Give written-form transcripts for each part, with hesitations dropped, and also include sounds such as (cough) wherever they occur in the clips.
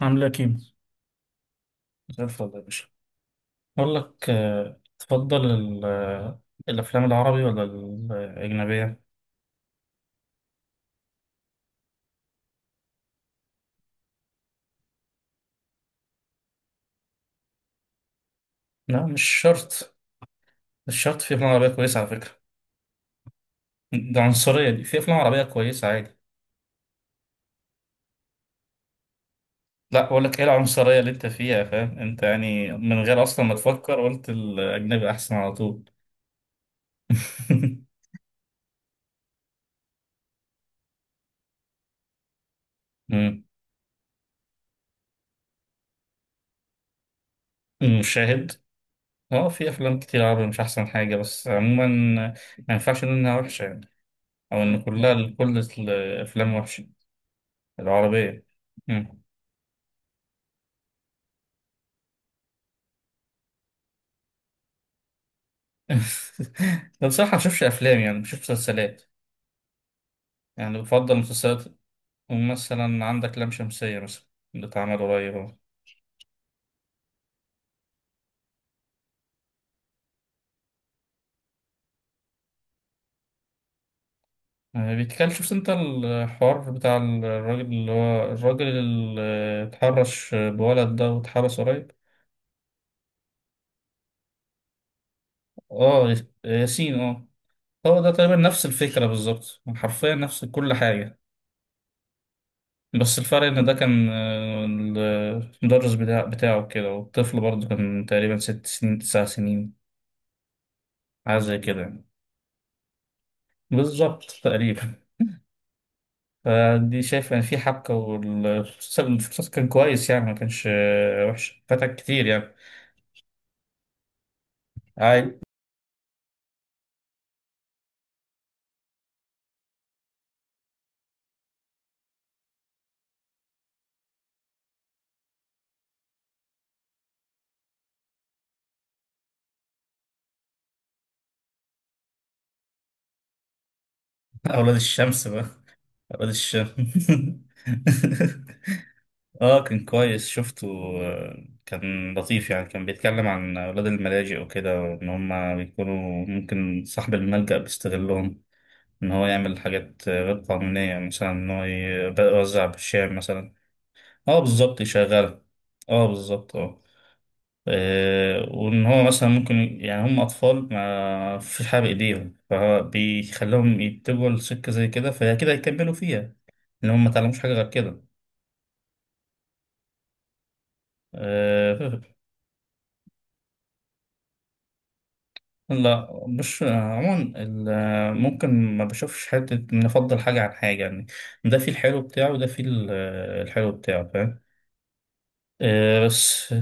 عامل ايه يا كيمو؟ زي الفل يا باشا. بقول لك، تفضل الأفلام العربي ولا الأجنبية؟ لا مش شرط. مش شرط، في أفلام عربية كويسة على فكرة. ده عنصرية دي، في أفلام عربية كويسة عادي. لا، بقول لك إيه العنصرية اللي أنت فيها، فاهم؟ أنت يعني من غير أصلا ما تفكر قلت الأجنبي أحسن على طول. (laughs) مم. مشاهد. اه، في أفلام كتير عربي مش أحسن حاجة، بس عموما ما ينفعش نقول إنها وحشة يعني، أو إن كل الأفلام وحشة، العربية. مم. (laughs) ده بصراحة ما بشوفش أفلام، يعني بشوف مسلسلات، يعني بفضل مسلسلات. مثلا عندك لام شمسية مثلا، اللي اتعمل قريب أهو. بيتكلم، شفت أنت الحوار بتاع الراجل، اللي هو الراجل اللي اتحرش بولد ده واتحبس قريب. اه، ياسين، اه. هو ده تقريبا نفس الفكرة بالظبط، حرفيا نفس كل حاجة. بس الفرق إن ده كان، المدرس بتاعه كده، والطفل برضه كان تقريبا 6 سنين 9 سنين، حاجة زي كده يعني. بالظبط تقريبا. فدي شايف يعني في حبكة، والفلوس كان كويس يعني، ما كانش وحش، فاتك كتير يعني. عادي. (laughs) أولاد الشمس بقى، أولاد الشمس. (laughs) اه كان كويس، شفته. كان لطيف يعني، كان بيتكلم عن أولاد الملاجئ وكده، وإن هما بيكونوا ممكن صاحب الملجأ بيستغلهم، إن هو يعمل حاجات غير قانونية، مثلا إن هو يوزع بالشام مثلا. اه بالظبط، يشغلها. اه بالظبط، اه. وان هو مثلا ممكن، يعني هم اطفال ما فيش حاجه بايديهم، فبيخليهم يتجهوا لسكه زي كده، فهي كده يكملوا فيها، ان هم ما تعلموش حاجه غير كده آه، لا، مش عموما ممكن ما بشوفش حته نفضل حاجه عن حاجه يعني. ده فيه الحلو بتاعه، وده فيه الحلو بتاعه، فاهم. بس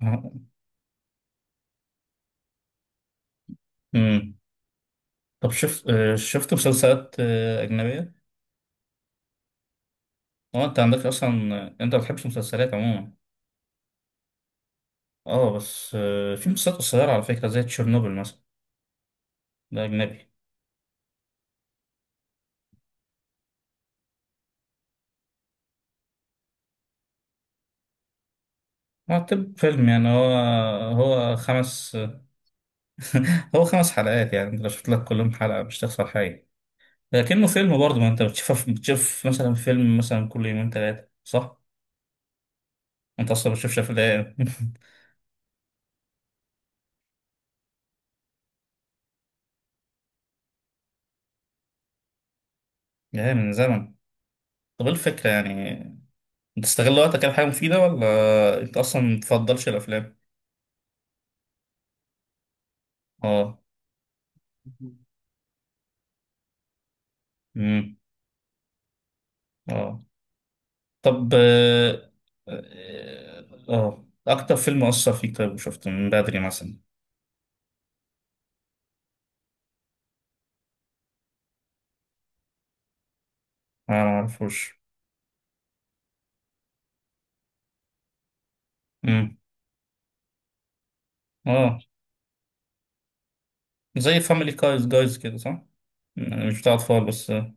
آه، مم. طب شفت، مسلسلات اجنبيه؟ هو انت عندك اصلا؟ انت ما بتحبش مسلسلات عموما. اه بس، في مسلسلات قصيرة على فكرة، زي تشيرنوبل مثلا، ده أجنبي. معتب فيلم يعني، هو هو خمس (laughs) هو 5 حلقات، يعني انت لو شفت لك كلهم، حلقة مش تخسر حاجة. لكنه فيلم برضه، ما انت بتشوف مثلا فيلم مثلا كل يومين ثلاثة، صح؟ انت اصلا ما بتشوفش افلام. (laughs) يعني من زمن. طب ايه الفكرة يعني، انت تستغل وقتك على حاجة مفيدة، ولا انت اصلا ما بتفضلش الافلام؟ اه. امم. اه. طب، أكتر فيلم أثر فيك طيب وشفته من بدري مثلا؟ أنا معرفوش. مم. آه، زي فاميلي جايز كده صح؟ أنا مش بتاع أطفال، بس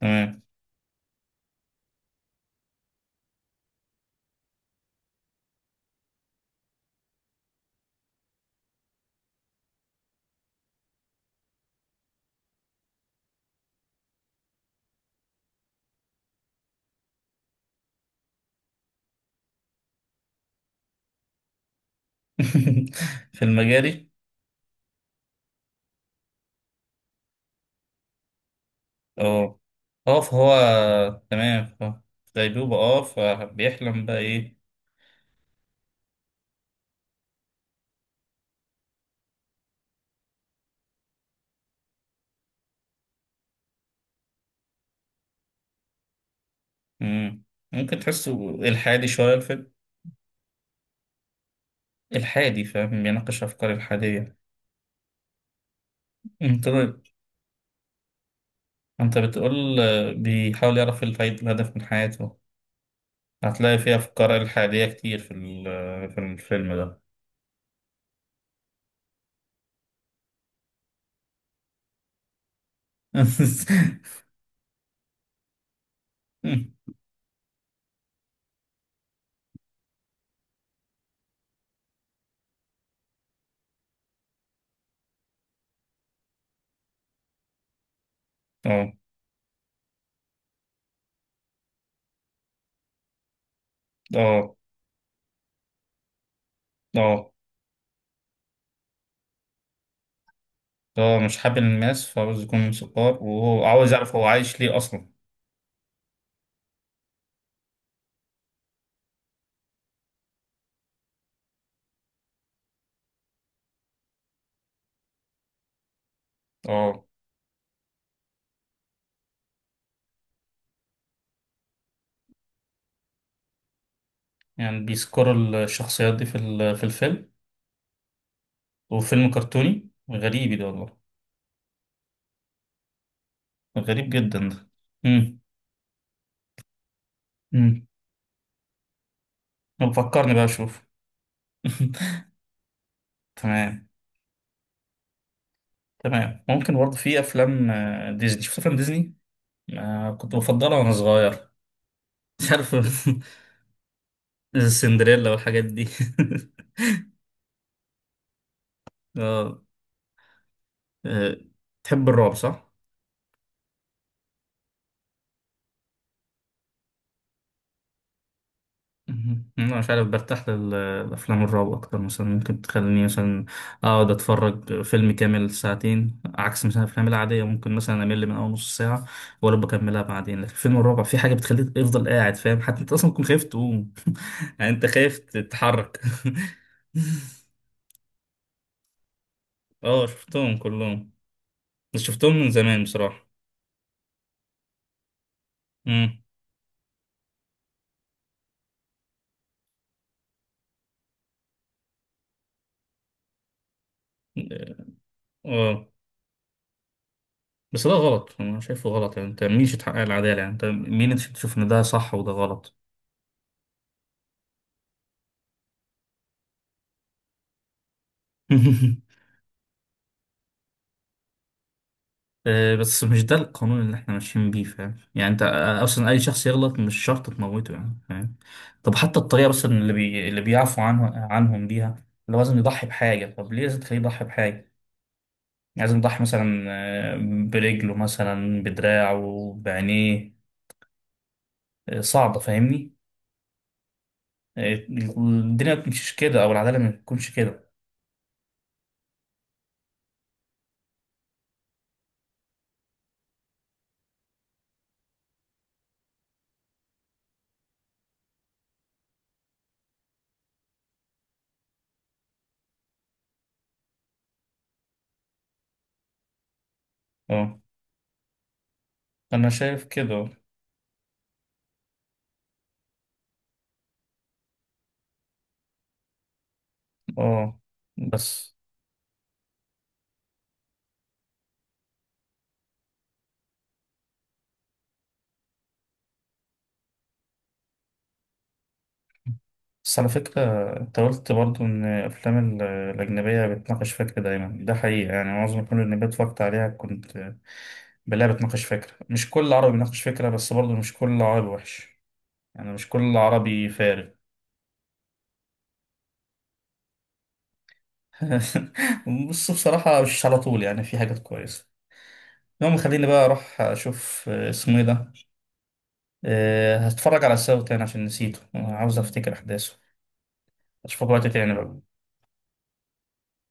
تمام. (laughs) في المجاري؟ آه. آه، فهو تمام. في ديدوبة، فبيحلم بقى إيه؟ مم. ممكن تحسه إلحادي شوية الفيلم. إلحادي، فاهم، بيناقش أفكار إلحادية. أنت طيب، أنت بتقول بيحاول يعرف الهدف من حياته. هتلاقي فيه أفكار إلحادية كتير في الفيلم ده. (laughs) اه، اه، اه، اه، مش حابب الماس، فعاوز يكون موسيقار، وهو عاوز يعرف هو عايش ليه أصلا. اه، يعني بيذكروا الشخصيات دي في الفيلم. وفيلم كرتوني غريب، ده والله. غريب جدا ده. امم. امم. طب فكرني بقى أشوف. (laughs) تمام. تمام. ممكن برضه في أفلام، ديزني، شفت أفلام ديزني؟ كنت بفضلها وأنا صغير. مش عارف. (laughs) السندريلا والحاجات دي. (laughs) اه. آه، تحب الرعب صح؟ مهم. انا مش عارف، برتاح للافلام الرعب اكتر، مثلا ممكن تخليني مثلا اقعد اتفرج فيلم كامل ساعتين، عكس مثلا الافلام العاديه ممكن مثلا امل من اول نص ساعه ولا بكملها بعدين. لكن فيلم الرعب في حاجه بتخليك تفضل قاعد، فاهم؟ حتى انت اصلا تكون خايف تقوم. (laughs) يعني انت خايف تتحرك. (laughs) اه شفتهم كلهم. بس شفتهم من زمان بصراحه. امم. اه. بس ده غلط، انا شايفه غلط يعني، انت مين تحقق العداله؟ يعني انت مين تشوف ان ده صح وده غلط؟ (laughs) بس مش ده القانون اللي احنا ماشيين بيه، فاهم؟ يعني انت اصلا اي شخص يغلط مش شرط تموته يعني، فاهم. طب حتى الطريقه بس اللي بيعفوا عنه عنهم بيها، اللي هو لازم يضحي بحاجه، طب ليه لازم تخليه يضحي بحاجه؟ يعني لازم يضحي مثلا، آه، برجله مثلا، بدراعه، بعينيه، صعبه فاهمني. آه، الدنيا ما بتمشيش كده، او العداله ما بتكونش كده. اه، انا شايف كده. اه. بس بس على فكرة، انت قلت برضه إن الأفلام الأجنبية بتناقش فكرة دايما، ده حقيقة يعني، معظم الأفلام الأجنبية اتفرجت عليها كنت بلاقيها بتناقش فكرة. مش كل عربي بيناقش فكرة، بس برضه مش كل عربي وحش، يعني مش كل عربي فارغ. (laughs) بص بصراحة، مش على طول يعني، في حاجات كويسة. المهم خليني بقى أروح أشوف اسمه إيه ده، هتفرج على الساوي تاني عشان نسيته، عاوز أفتكر أحداثه. أشوفك وقت تاني بقى.